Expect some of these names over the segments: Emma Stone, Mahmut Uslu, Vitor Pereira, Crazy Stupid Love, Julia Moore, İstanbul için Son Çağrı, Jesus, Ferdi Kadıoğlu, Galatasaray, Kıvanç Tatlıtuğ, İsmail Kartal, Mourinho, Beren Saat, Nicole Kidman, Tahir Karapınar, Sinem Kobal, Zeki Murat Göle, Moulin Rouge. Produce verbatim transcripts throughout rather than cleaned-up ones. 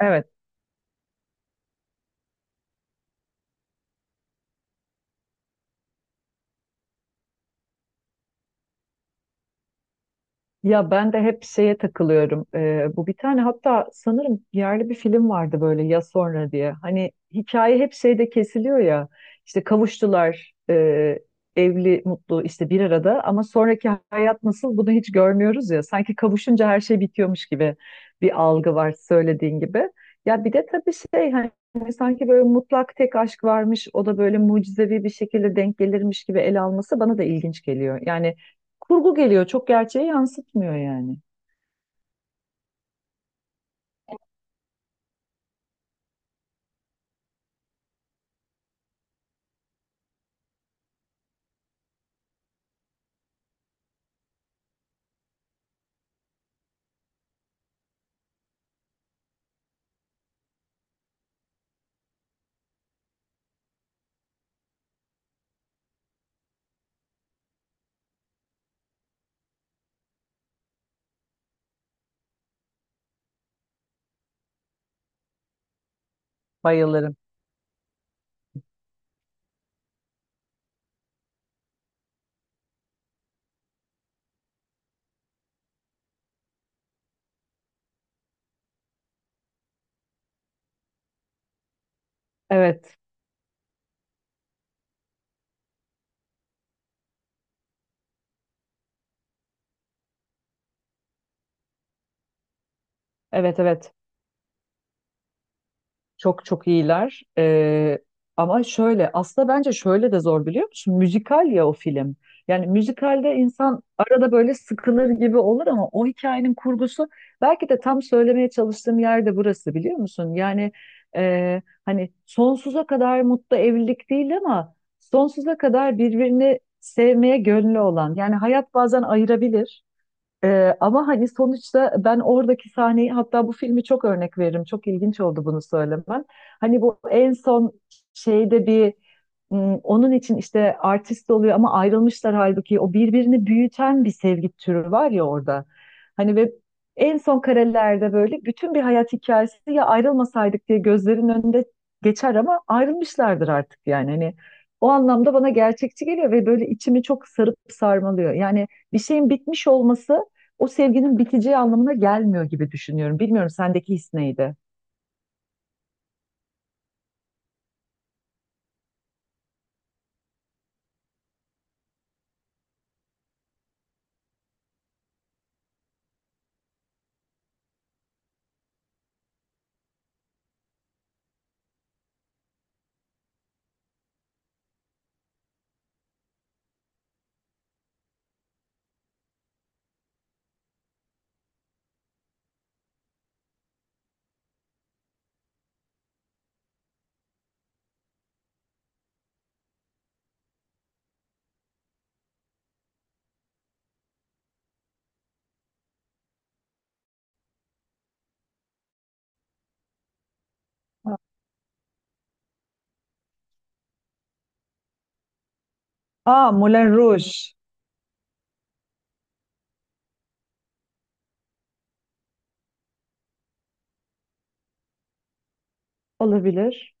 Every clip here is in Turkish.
Evet. Ya ben de hep şeye takılıyorum. Ee, bu bir tane hatta sanırım yerli bir film vardı böyle ya sonra diye. Hani hikaye hep şeyde kesiliyor ya. İşte kavuştular, e, evli, mutlu işte bir arada ama sonraki hayat nasıl bunu hiç görmüyoruz ya. Sanki kavuşunca her şey bitiyormuş gibi bir algı var söylediğin gibi. Ya bir de tabii şey hani sanki böyle mutlak tek aşk varmış o da böyle mucizevi bir şekilde denk gelirmiş gibi ele alması bana da ilginç geliyor. Yani kurgu geliyor. Çok gerçeği yansıtmıyor yani. Bayılırım. Evet, evet, evet. Çok çok iyiler. Ee, ama şöyle, aslında bence şöyle de zor biliyor musun? Müzikal ya o film. Yani müzikalde insan arada böyle sıkılır gibi olur ama o hikayenin kurgusu belki de tam söylemeye çalıştığım yerde burası biliyor musun? Yani e, hani sonsuza kadar mutlu evlilik değil ama sonsuza kadar birbirini sevmeye gönlü olan. Yani hayat bazen ayırabilir. Ee, ama hani sonuçta ben oradaki sahneyi hatta bu filmi çok örnek veririm. Çok ilginç oldu bunu söylemen. Hani bu en son şeyde bir m, onun için işte artist oluyor ama ayrılmışlar halbuki o birbirini büyüten bir sevgi türü var ya orada. Hani ve en son karelerde böyle bütün bir hayat hikayesi ya ayrılmasaydık diye gözlerin önünde geçer ama ayrılmışlardır artık yani. Hani o anlamda bana gerçekçi geliyor ve böyle içimi çok sarıp sarmalıyor. Yani bir şeyin bitmiş olması o sevginin biteceği anlamına gelmiyor gibi düşünüyorum. Bilmiyorum sendeki his neydi? Aa, Moulin Rouge olabilir.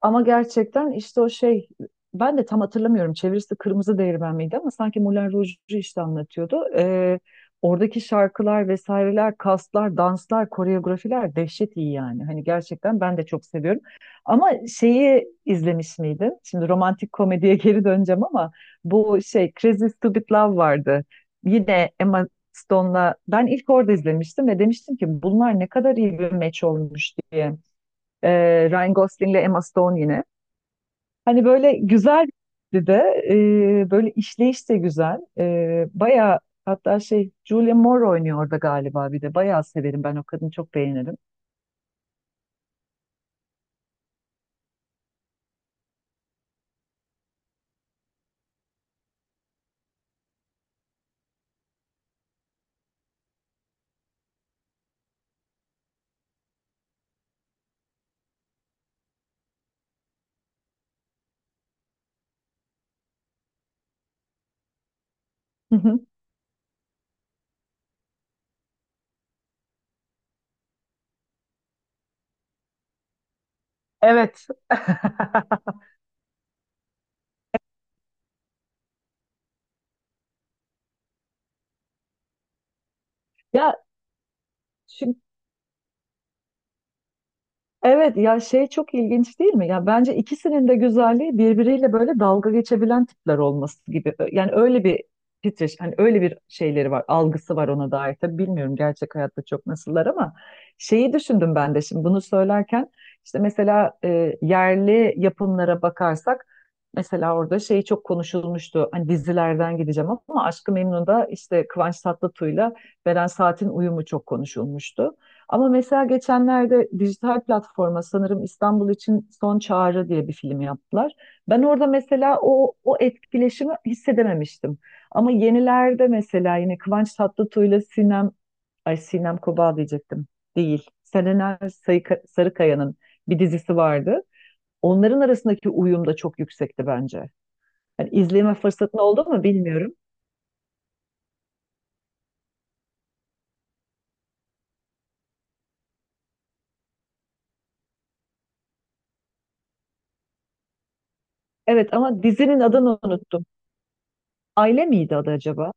Ama gerçekten işte o şey ben de tam hatırlamıyorum çevirisi Kırmızı Değirmen miydi ama sanki Moulin Rouge'u işte anlatıyordu. Ee, oradaki şarkılar vesaireler, kaslar, danslar, koreografiler dehşet iyi yani. Hani gerçekten ben de çok seviyorum. Ama şeyi izlemiş miydin? Şimdi romantik komediye geri döneceğim ama bu şey Crazy Stupid Love vardı. Yine Emma Stone'la ben ilk orada izlemiştim ve demiştim ki bunlar ne kadar iyi bir meç olmuş diye. Ee, Ryan Gosling'le Emma Stone yine. Hani böyle güzel bir de e, böyle işleyiş de güzel. E, bayağı hatta şey Julia Moore oynuyor orada galiba bir de. Bayağı severim ben o kadını çok beğenirim. Evet. Ya şu evet ya şey çok ilginç değil mi? Ya bence ikisinin de güzelliği birbiriyle böyle dalga geçebilen tipler olması gibi. Yani öyle bir titreş, hani öyle bir şeyleri var, algısı var ona dair. Tabii bilmiyorum gerçek hayatta çok nasıllar ama şeyi düşündüm ben de şimdi bunu söylerken işte mesela e, yerli yapımlara bakarsak mesela orada şey çok konuşulmuştu. Hani dizilerden gideceğim ama Aşk-ı Memnu'da işte Kıvanç Tatlıtuğ'la Beren Saat'in uyumu çok konuşulmuştu. Ama mesela geçenlerde dijital platforma sanırım İstanbul için Son Çağrı diye bir film yaptılar. Ben orada mesela o o etkileşimi hissedememiştim. Ama yenilerde mesela yine Kıvanç Tatlıtuğ ile Sinem ay Sinem Kobal diyecektim. Değil. Serenay Sayıka- Sarıkaya'nın bir dizisi vardı. Onların arasındaki uyum da çok yüksekti bence. Yani izleme fırsatın oldu mu bilmiyorum. Evet ama dizinin adını unuttum. Aile miydi adı acaba?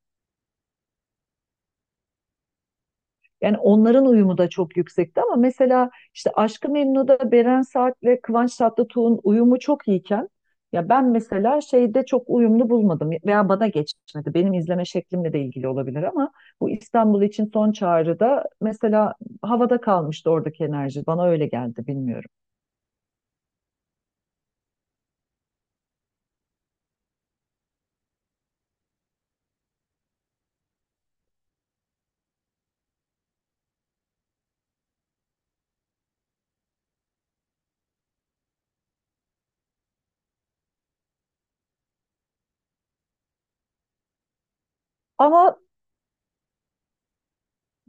Yani onların uyumu da çok yüksekti ama mesela işte Aşk-ı Memnu'da Beren Saat ve Kıvanç Tatlıtuğ'un uyumu çok iyiken ya ben mesela şeyde çok uyumlu bulmadım veya bana geçmedi. Benim izleme şeklimle de ilgili olabilir ama bu İstanbul için son çağrıda mesela havada kalmıştı oradaki enerji. Bana öyle geldi bilmiyorum. Ama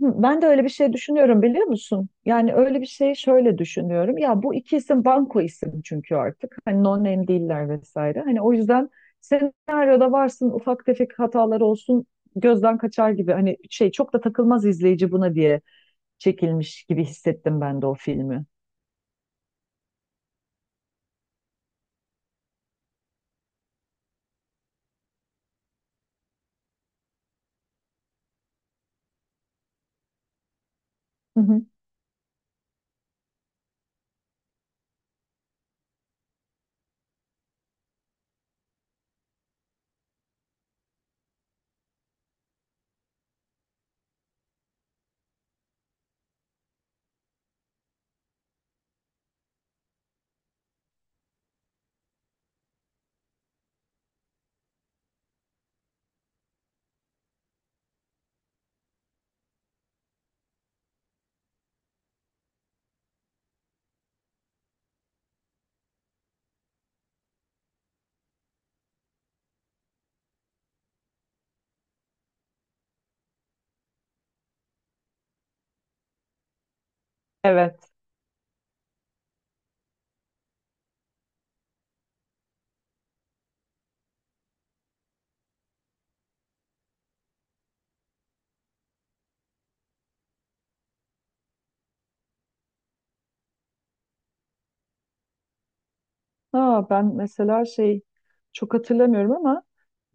hı, ben de öyle bir şey düşünüyorum biliyor musun? Yani öyle bir şey şöyle düşünüyorum. Ya bu iki isim banko isim çünkü artık. Hani non name değiller vesaire. Hani o yüzden senaryoda varsın ufak tefek hatalar olsun gözden kaçar gibi. Hani şey çok da takılmaz izleyici buna diye çekilmiş gibi hissettim ben de o filmi. Hı hı. Evet. Ha, ben mesela şey çok hatırlamıyorum ama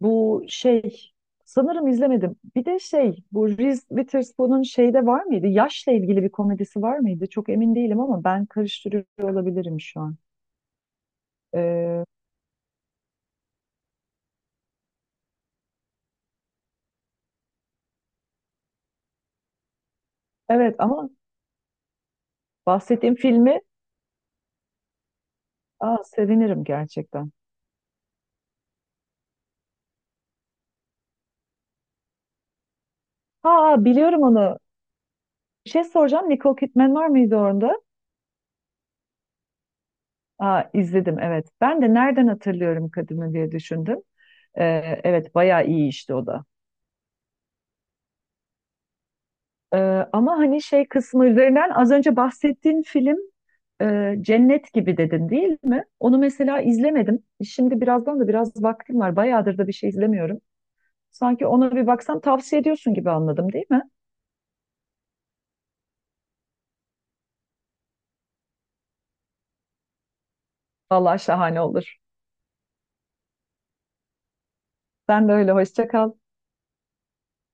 bu şey sanırım izlemedim. Bir de şey bu Reese Witherspoon'un şeyde var mıydı? Yaşla ilgili bir komedisi var mıydı? Çok emin değilim ama ben karıştırıyor olabilirim şu an. Ee, evet ama bahsettiğim filmi aa, sevinirim gerçekten. Ha biliyorum onu. Bir şey soracağım. Nicole Kidman var mıydı orada? Aa, izledim evet. Ben de nereden hatırlıyorum kadını diye düşündüm. Ee, evet bayağı iyi işte o da. Ee, ama hani şey kısmı üzerinden az önce bahsettiğin film e, Cennet gibi dedin değil mi? Onu mesela izlemedim. Şimdi birazdan da biraz vaktim var. Bayağıdır da bir şey izlemiyorum. Sanki ona bir baksam tavsiye ediyorsun gibi anladım değil mi? Vallahi şahane olur. Sen de öyle hoşça kal.